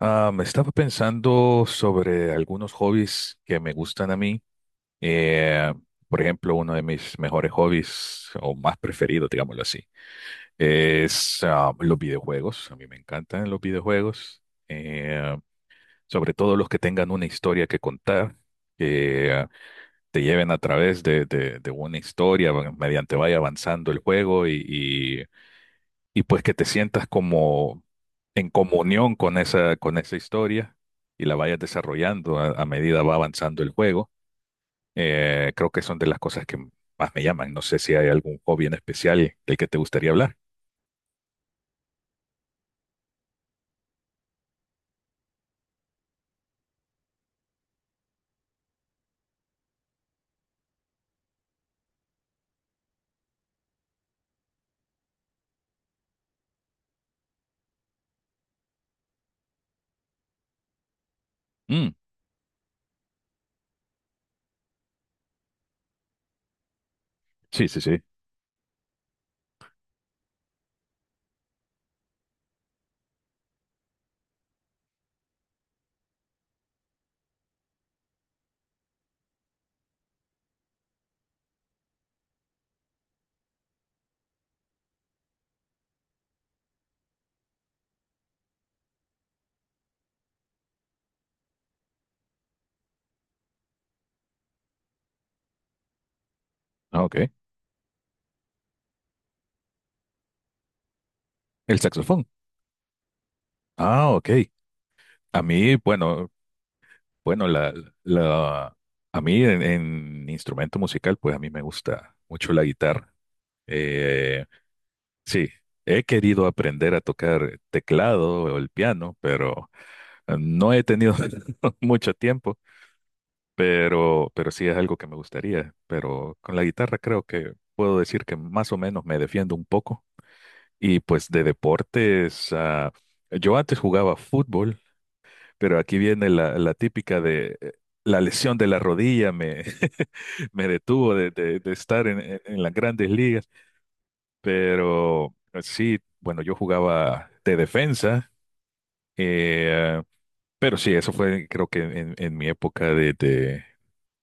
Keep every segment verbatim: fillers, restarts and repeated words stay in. Ah, me estaba pensando sobre algunos hobbies que me gustan a mí. Eh, por ejemplo, uno de mis mejores hobbies, o más preferido, digámoslo así, es ah, los videojuegos. A mí me encantan los videojuegos, eh, sobre todo los que tengan una historia que contar, que ah, te lleven a través de, de- de una historia, bueno, mediante vaya avanzando el juego y y pues que te sientas como en comunión con esa, con esa historia y la vayas desarrollando a, a medida va avanzando el juego. Eh, creo que son de las cosas que más me llaman. No sé si hay algún hobby en especial del que te gustaría hablar. Mm, sí, sí, sí. Ah, ok. El saxofón. Ah, ok. A mí, bueno, bueno, la, la, a mí en, en instrumento musical, pues a mí me gusta mucho la guitarra. Eh, sí, he querido aprender a tocar teclado o el piano, pero no he tenido mucho tiempo, pero, pero sí es algo que me gustaría. Pero con la guitarra creo que puedo decir que más o menos me defiendo un poco. Y pues de deportes, ah, yo antes jugaba fútbol. Pero aquí viene la, la típica de eh, la lesión de la rodilla me, me detuvo de, de- de estar en, en- en las grandes ligas. Pero eh, sí, bueno, yo jugaba de defensa, eh, pero sí, eso fue creo que en, en mi época de, de-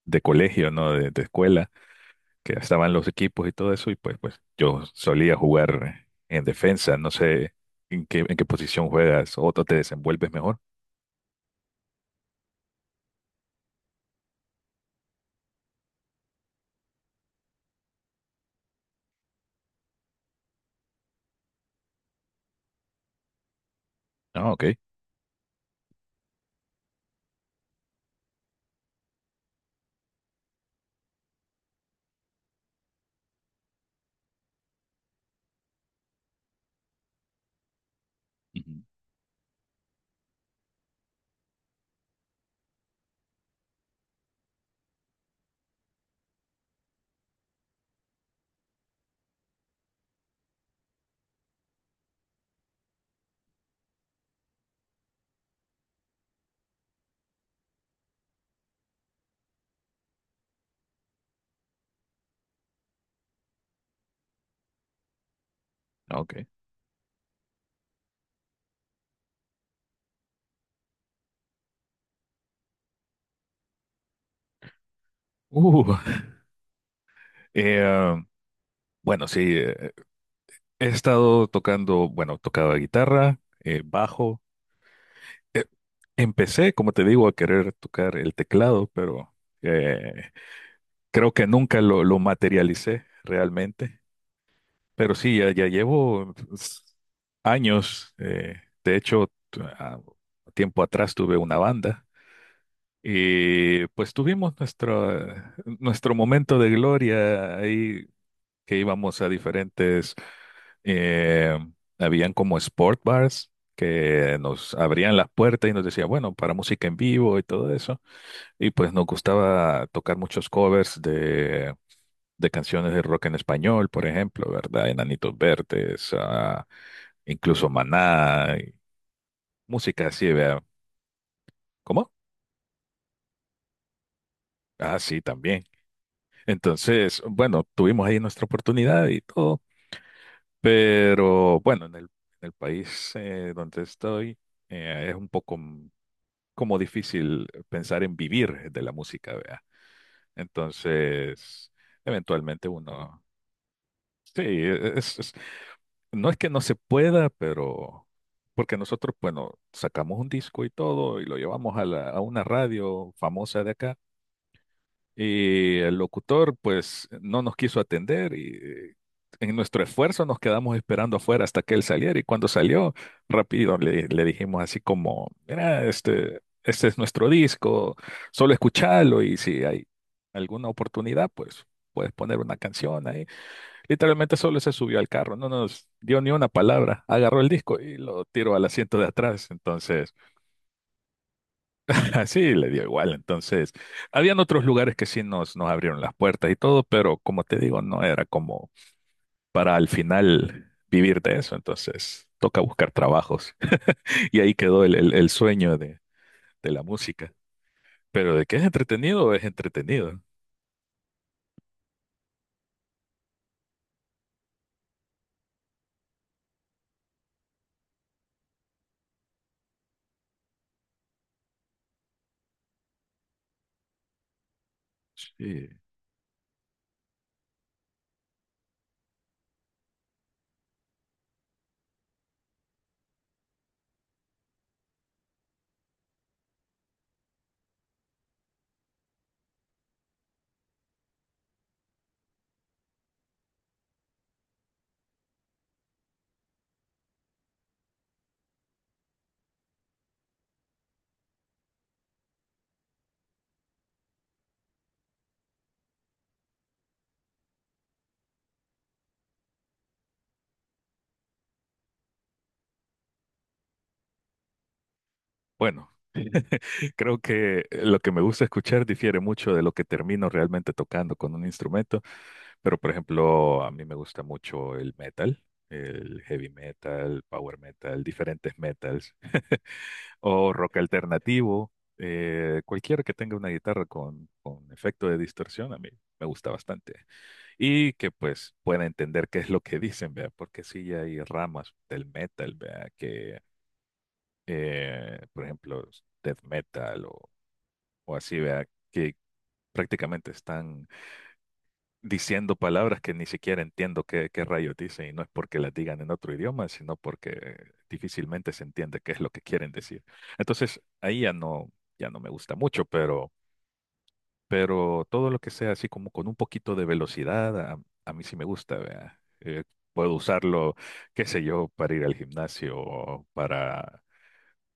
de colegio, ¿no? De, de escuela, que estaban los equipos y todo eso, y pues, pues yo solía jugar en defensa. No sé en qué, en qué posición juegas o te desenvuelves mejor. Ah, ok. Ujú. Ah, ok. Uh, Eh, bueno, sí, eh, he estado tocando, bueno, tocaba guitarra, eh, bajo. Eh, Empecé, como te digo, a querer tocar el teclado, pero eh, creo que nunca lo, lo materialicé realmente. Pero sí, ya, ya llevo pues, años. Eh, de hecho, tu- a- tiempo atrás tuve una banda y pues tuvimos nuestro, nuestro momento de gloria ahí que íbamos a diferentes. Eh, Habían como sport bars que nos abrían las puertas y nos decía, bueno, para música en vivo y todo eso. Y pues nos gustaba tocar muchos covers de, de canciones de rock en español, por ejemplo, ¿verdad? Enanitos Verdes, ah, incluso Maná, y música así, ¿verdad? ¿Cómo? Ah, sí, también. Entonces, bueno, tuvimos ahí nuestra oportunidad y todo, pero bueno, en el, en el país eh, donde estoy eh, es un poco como difícil pensar en vivir de la música, vea. Entonces, eventualmente uno, sí, e-, es- es- no es que no se pueda, pero porque nosotros, bueno, sacamos un disco y todo y lo llevamos a la- a una radio famosa de acá. Y el locutor, pues, no nos quiso atender y eh, en nuestro esfuerzo nos quedamos esperando afuera hasta que él saliera. Y cuando salió, rápido le, le dijimos así como, mira, este, este es nuestro disco, solo escuchalo y si hay alguna oportunidad, pues puedes poner una canción ahí. Literalmente solo se subió al carro, no nos dio ni una palabra, agarró el disco y lo tiró al asiento de atrás. Entonces… Ah, sí, le dio igual. Entonces, habían otros lugares que sí nos, nos abrieron las puertas y todo, pero como te digo, no era como para al final vivir de eso. Entonces, toca buscar trabajos. Y ahí quedó el, el- el sueño de, de la música. Pero de que es entretenido, es entretenido. Sí. Bueno, creo que lo que me gusta escuchar difiere mucho de lo que termino realmente tocando con un instrumento. Pero, por ejemplo, a mí me gusta mucho el metal, el heavy metal, power metal, diferentes metals, o rock alternativo, eh, cualquiera que tenga una guitarra con, con efecto de distorsión, a mí me gusta bastante. Y que pues pueda entender qué es lo que dicen, vea, porque sí hay ramas del metal, vea, que, eh, por ejemplo, death metal o, o así, vea, que prácticamente están diciendo palabras que ni siquiera entiendo qué, qué rayos dicen y no es porque las digan en otro idioma, sino porque difícilmente se entiende qué es lo que quieren decir. Entonces, ahí ya no, ya no me gusta mucho, pero, pero todo lo que sea así como con un poquito de velocidad, a, a mí sí me gusta, vea. Eh, puedo usarlo, qué sé yo, para ir al gimnasio o para,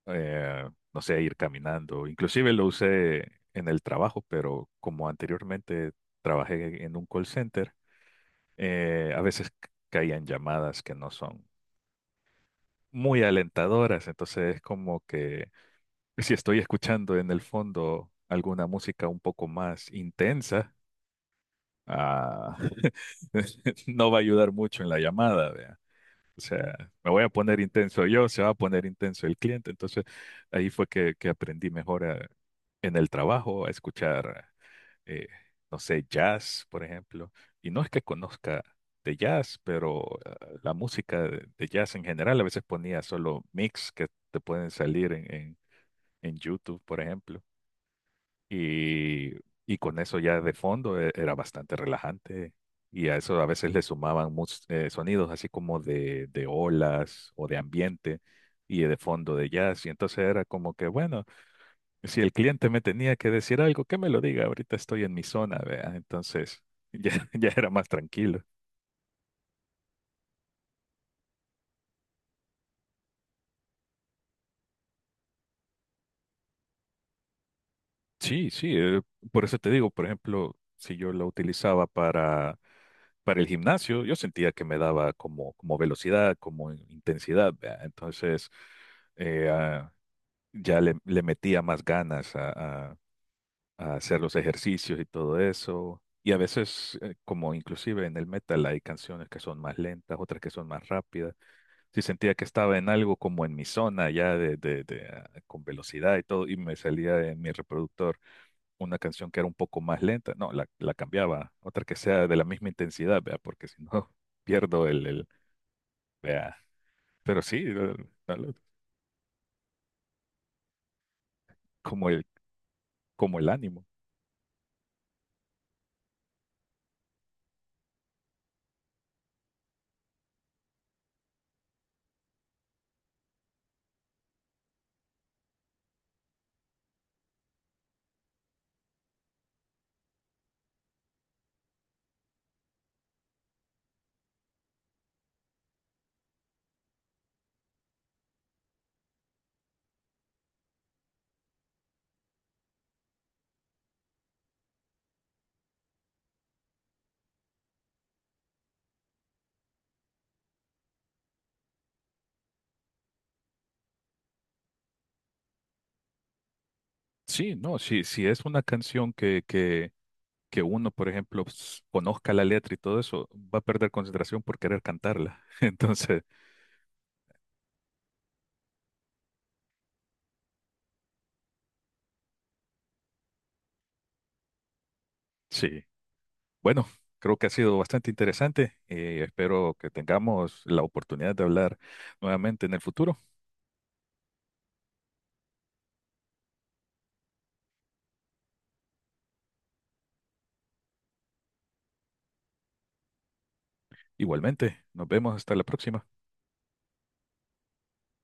eh, no sé, ir caminando. Inclusive lo usé en el trabajo, pero como anteriormente trabajé en un call center, eh, a veces caían llamadas que no son muy alentadoras, entonces es como que si estoy escuchando en el fondo alguna música un poco más intensa, ah, no va a ayudar mucho en la llamada, vea. O sea, me voy a poner intenso yo, se va a poner intenso el cliente, entonces ahí fue que, que aprendí mejor a- en el trabajo a escuchar. eh, no sé, jazz, por ejemplo. Y no es que conozca de jazz, pero eh, la música de, de jazz en general a veces ponía solo mix que te pueden salir en, en, en YouTube, por ejemplo. Y, y con eso ya de fondo eh, era bastante relajante. Y a eso a veces le sumaban mus- eh, sonidos así como de, de olas o de ambiente y de fondo de jazz. Y entonces era como que, bueno, si el cliente me tenía que decir algo, que me lo diga. Ahorita estoy en mi zona, vea. Entonces, ya, ya era más tranquilo. Sí, sí, eh, por eso te digo, por ejemplo, si yo la utilizaba para, para el gimnasio, yo sentía que me daba como, como velocidad, como in- intensidad, vea. Entonces, eh, ah, ya le, le metía más ganas a, a- a hacer los ejercicios y todo eso. Y a veces, eh, como inclusive en el metal, hay canciones que son más lentas, otras que son más rápidas. Sí sentía que estaba en algo como en mi zona ya de, de- de, ah, con velocidad y todo, y me salía en mi reproductor una canción que era un poco más lenta. No, la, la cambiaba, otra que sea de la misma intensidad, vea, porque si no pierdo el, el- vea. Pero sí, el- el- como el, como el ánimo. Sí, no, sí, si es una canción que, que, que uno, por ejemplo, s- conozca la letra y todo eso, va a perder concentración por querer cantarla. Entonces, sí. Bueno, creo que ha sido bastante interesante y espero que tengamos la oportunidad de hablar nuevamente en el futuro. Igualmente, nos vemos hasta la próxima.